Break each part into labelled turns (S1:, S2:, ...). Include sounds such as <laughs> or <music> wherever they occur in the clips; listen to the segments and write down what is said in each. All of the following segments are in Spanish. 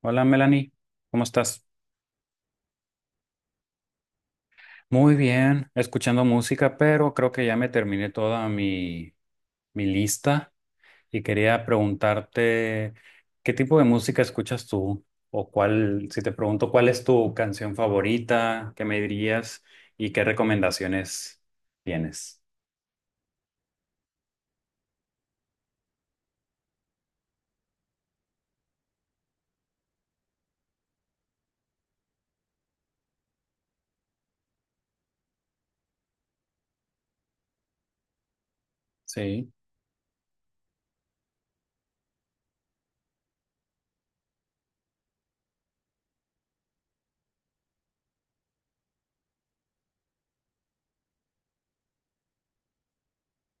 S1: Hola Melanie, ¿cómo estás? Muy bien, escuchando música, pero creo que ya me terminé toda mi lista y quería preguntarte qué tipo de música escuchas tú o cuál, si te pregunto cuál es tu canción favorita, qué me dirías y qué recomendaciones tienes. Sí.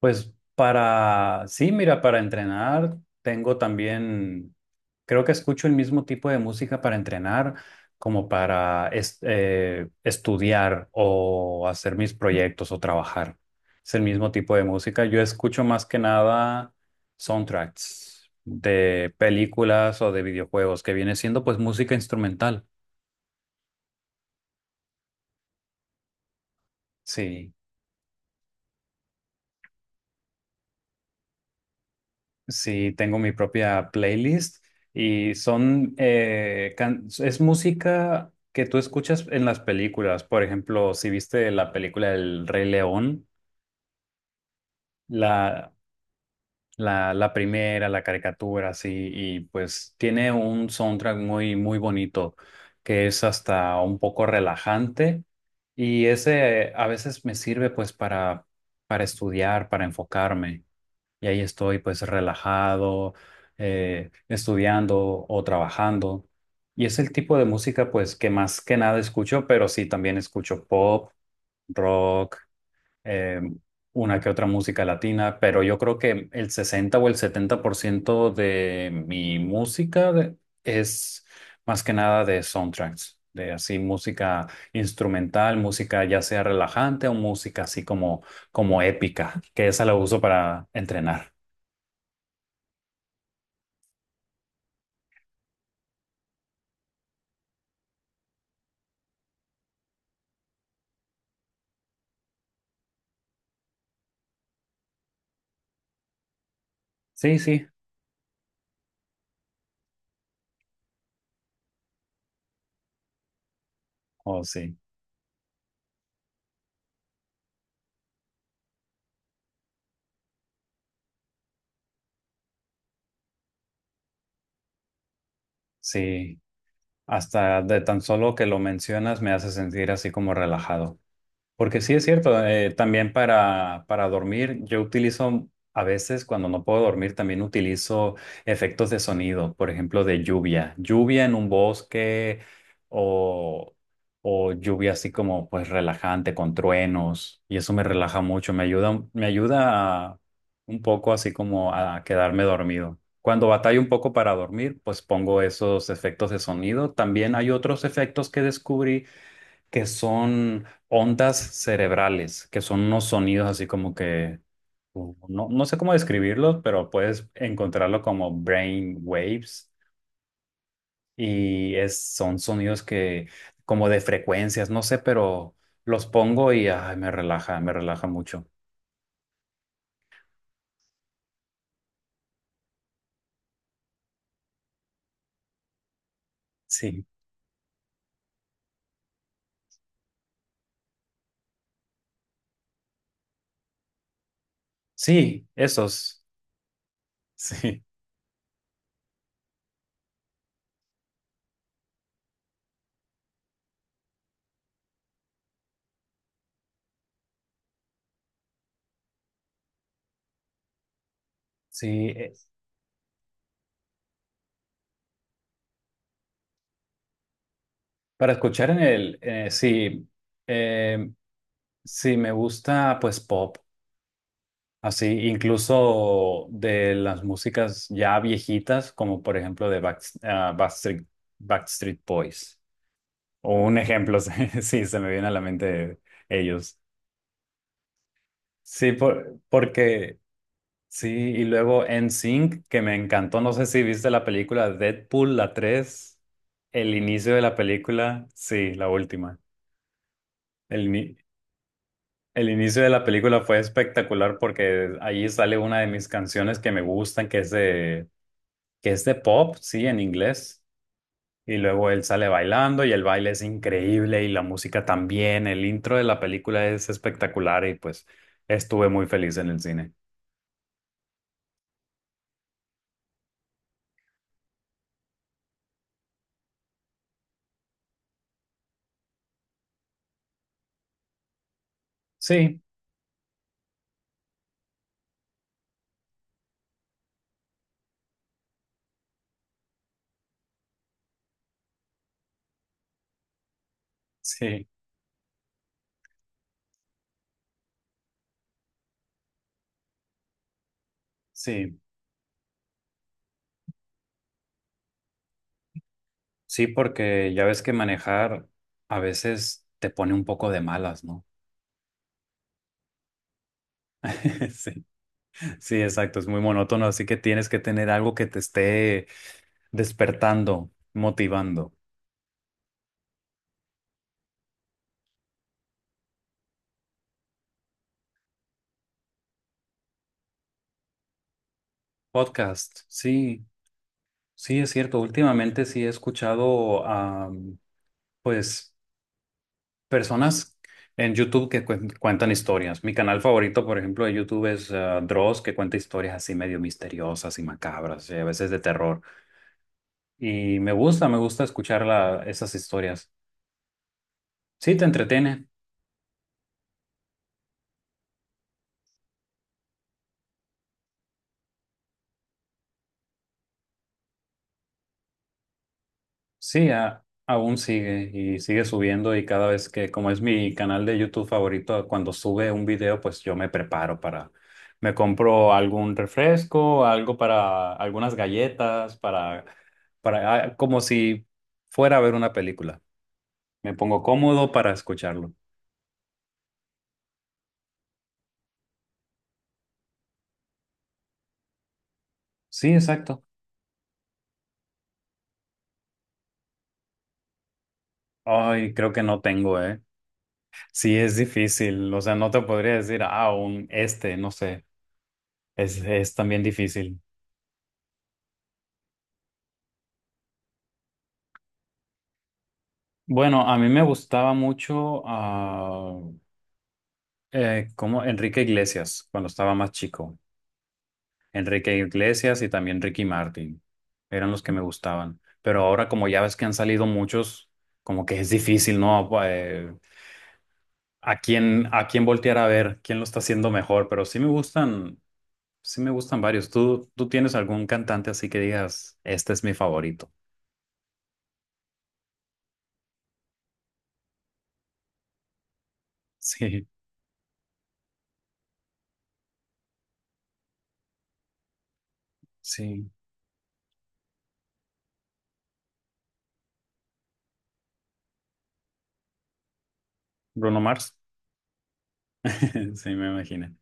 S1: Pues para, sí, mira, para entrenar tengo también, creo que escucho el mismo tipo de música para entrenar como para estudiar o hacer mis proyectos o trabajar. Es el mismo tipo de música. Yo escucho más que nada soundtracks de películas o de videojuegos, que viene siendo pues música instrumental. Sí. Sí, tengo mi propia playlist y son, es música que tú escuchas en las películas. Por ejemplo, si viste la película El Rey León, la, la primera, la caricatura, sí, y pues tiene un soundtrack muy, muy bonito que es hasta un poco relajante y ese a veces me sirve pues para estudiar, para enfocarme. Y ahí estoy pues relajado, estudiando o trabajando. Y es el tipo de música pues que más que nada escucho, pero sí también escucho pop, rock, eh, una que otra música latina, pero yo creo que el 60% o el 70% de mi música es más que nada de soundtracks, de así música instrumental, música ya sea relajante o música así como, como épica, que esa la uso para entrenar. Sí, sí, oh sí, sí. Hasta de tan solo que lo mencionas me hace sentir así como relajado. Porque sí es cierto, también para dormir, yo utilizo, a veces cuando no puedo dormir, también utilizo efectos de sonido, por ejemplo, de lluvia, lluvia en un bosque o, o lluvia así como pues relajante con truenos y eso me relaja mucho, me ayuda, un poco así como a quedarme dormido. Cuando batallo un poco para dormir, pues pongo esos efectos de sonido. También hay otros efectos que descubrí que son ondas cerebrales, que son unos sonidos así como que, no, no sé cómo describirlos, pero puedes encontrarlo como brain waves y es, son sonidos que como de frecuencias, no sé, pero los pongo y ay, me relaja mucho. Sí, sí, esos, <laughs> sí, sí. Para escuchar en el, sí, eh, sí, me gusta pues pop. Así, incluso de las músicas ya viejitas, como por ejemplo de Backstreet Boys. O un ejemplo, <laughs> sí, sí, se me viene a la mente ellos. Sí, porque sí, y luego NSYNC, que me encantó. No sé si viste la película Deadpool, la 3. El inicio de la película, sí, la última. El, ini- el inicio de la película fue espectacular porque ahí sale una de mis canciones que me gustan, que es de pop, sí, en inglés. Y luego él sale bailando y el baile es increíble y la música también. El intro de la película es espectacular y pues estuve muy feliz en el cine. Sí, sí, sí, sí, porque ya ves que manejar a veces te pone un poco de malas, ¿no? <laughs> Sí, sí, exacto, es muy monótono, así que tienes que tener algo que te esté despertando, motivando. Podcast, sí, sí, es cierto. Últimamente sí he escuchado pues, personas en YouTube que cuentan historias. Mi canal favorito, por ejemplo, de YouTube es Dross, que cuenta historias así medio misteriosas y macabras, y a veces de terror. Y me gusta escuchar esas historias. Sí, te entretiene. Sí, aún sigue y sigue subiendo y cada vez que, como es mi canal de YouTube favorito, cuando sube un video, pues yo me preparo para, me compro algún refresco, algo para, algunas galletas, para, como si fuera a ver una película. Me pongo cómodo para escucharlo. Sí, exacto. Ay, creo que no tengo, ¿eh? Sí, es difícil. O sea, no te podría decir, un este, no sé. Es también difícil. Bueno, a mí me gustaba mucho como Enrique Iglesias cuando estaba más chico. Enrique Iglesias y también Ricky Martin eran los que me gustaban. Pero ahora como ya ves que han salido muchos, como que es difícil, ¿no? A quién voltear a ver, quién lo está haciendo mejor. Pero sí me gustan varios. ¿Tú tienes algún cantante así que digas, este es mi favorito? Sí, sí. Bruno Mars. <laughs> Sí, me imagino.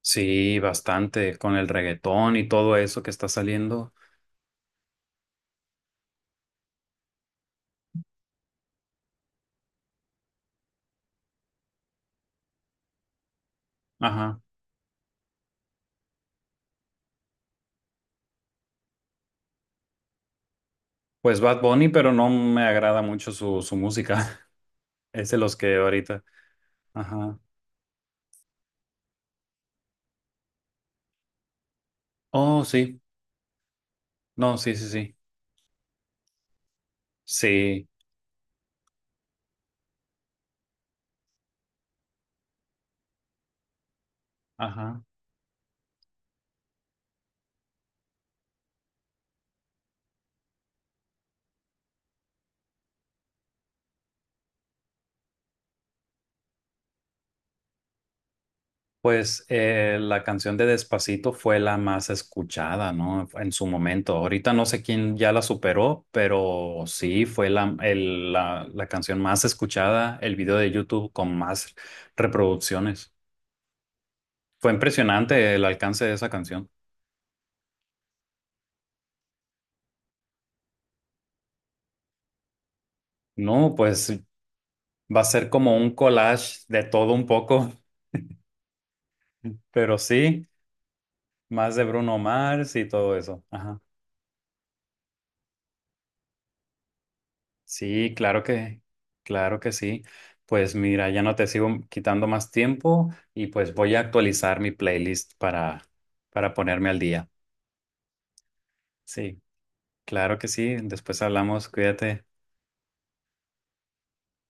S1: Sí, bastante, con el reggaetón y todo eso que está saliendo. Ajá. Pues Bad Bunny, pero no me agrada mucho su música. <laughs> Es de los que ahorita. Ajá. Oh, sí. No, sí, sí, sí. Sí. Ajá. Pues la canción de Despacito fue la más escuchada, ¿no? En su momento. Ahorita no sé quién ya la superó, pero sí fue la canción más escuchada, el video de YouTube con más reproducciones. Fue impresionante el alcance de esa canción. No, pues va a ser como un collage de todo un poco, <laughs> pero sí, más de Bruno Mars y todo eso. Ajá. Sí, claro que sí. Pues mira, ya no te sigo quitando más tiempo y pues voy a actualizar mi playlist para ponerme al día. Sí, claro que sí. Después hablamos, cuídate.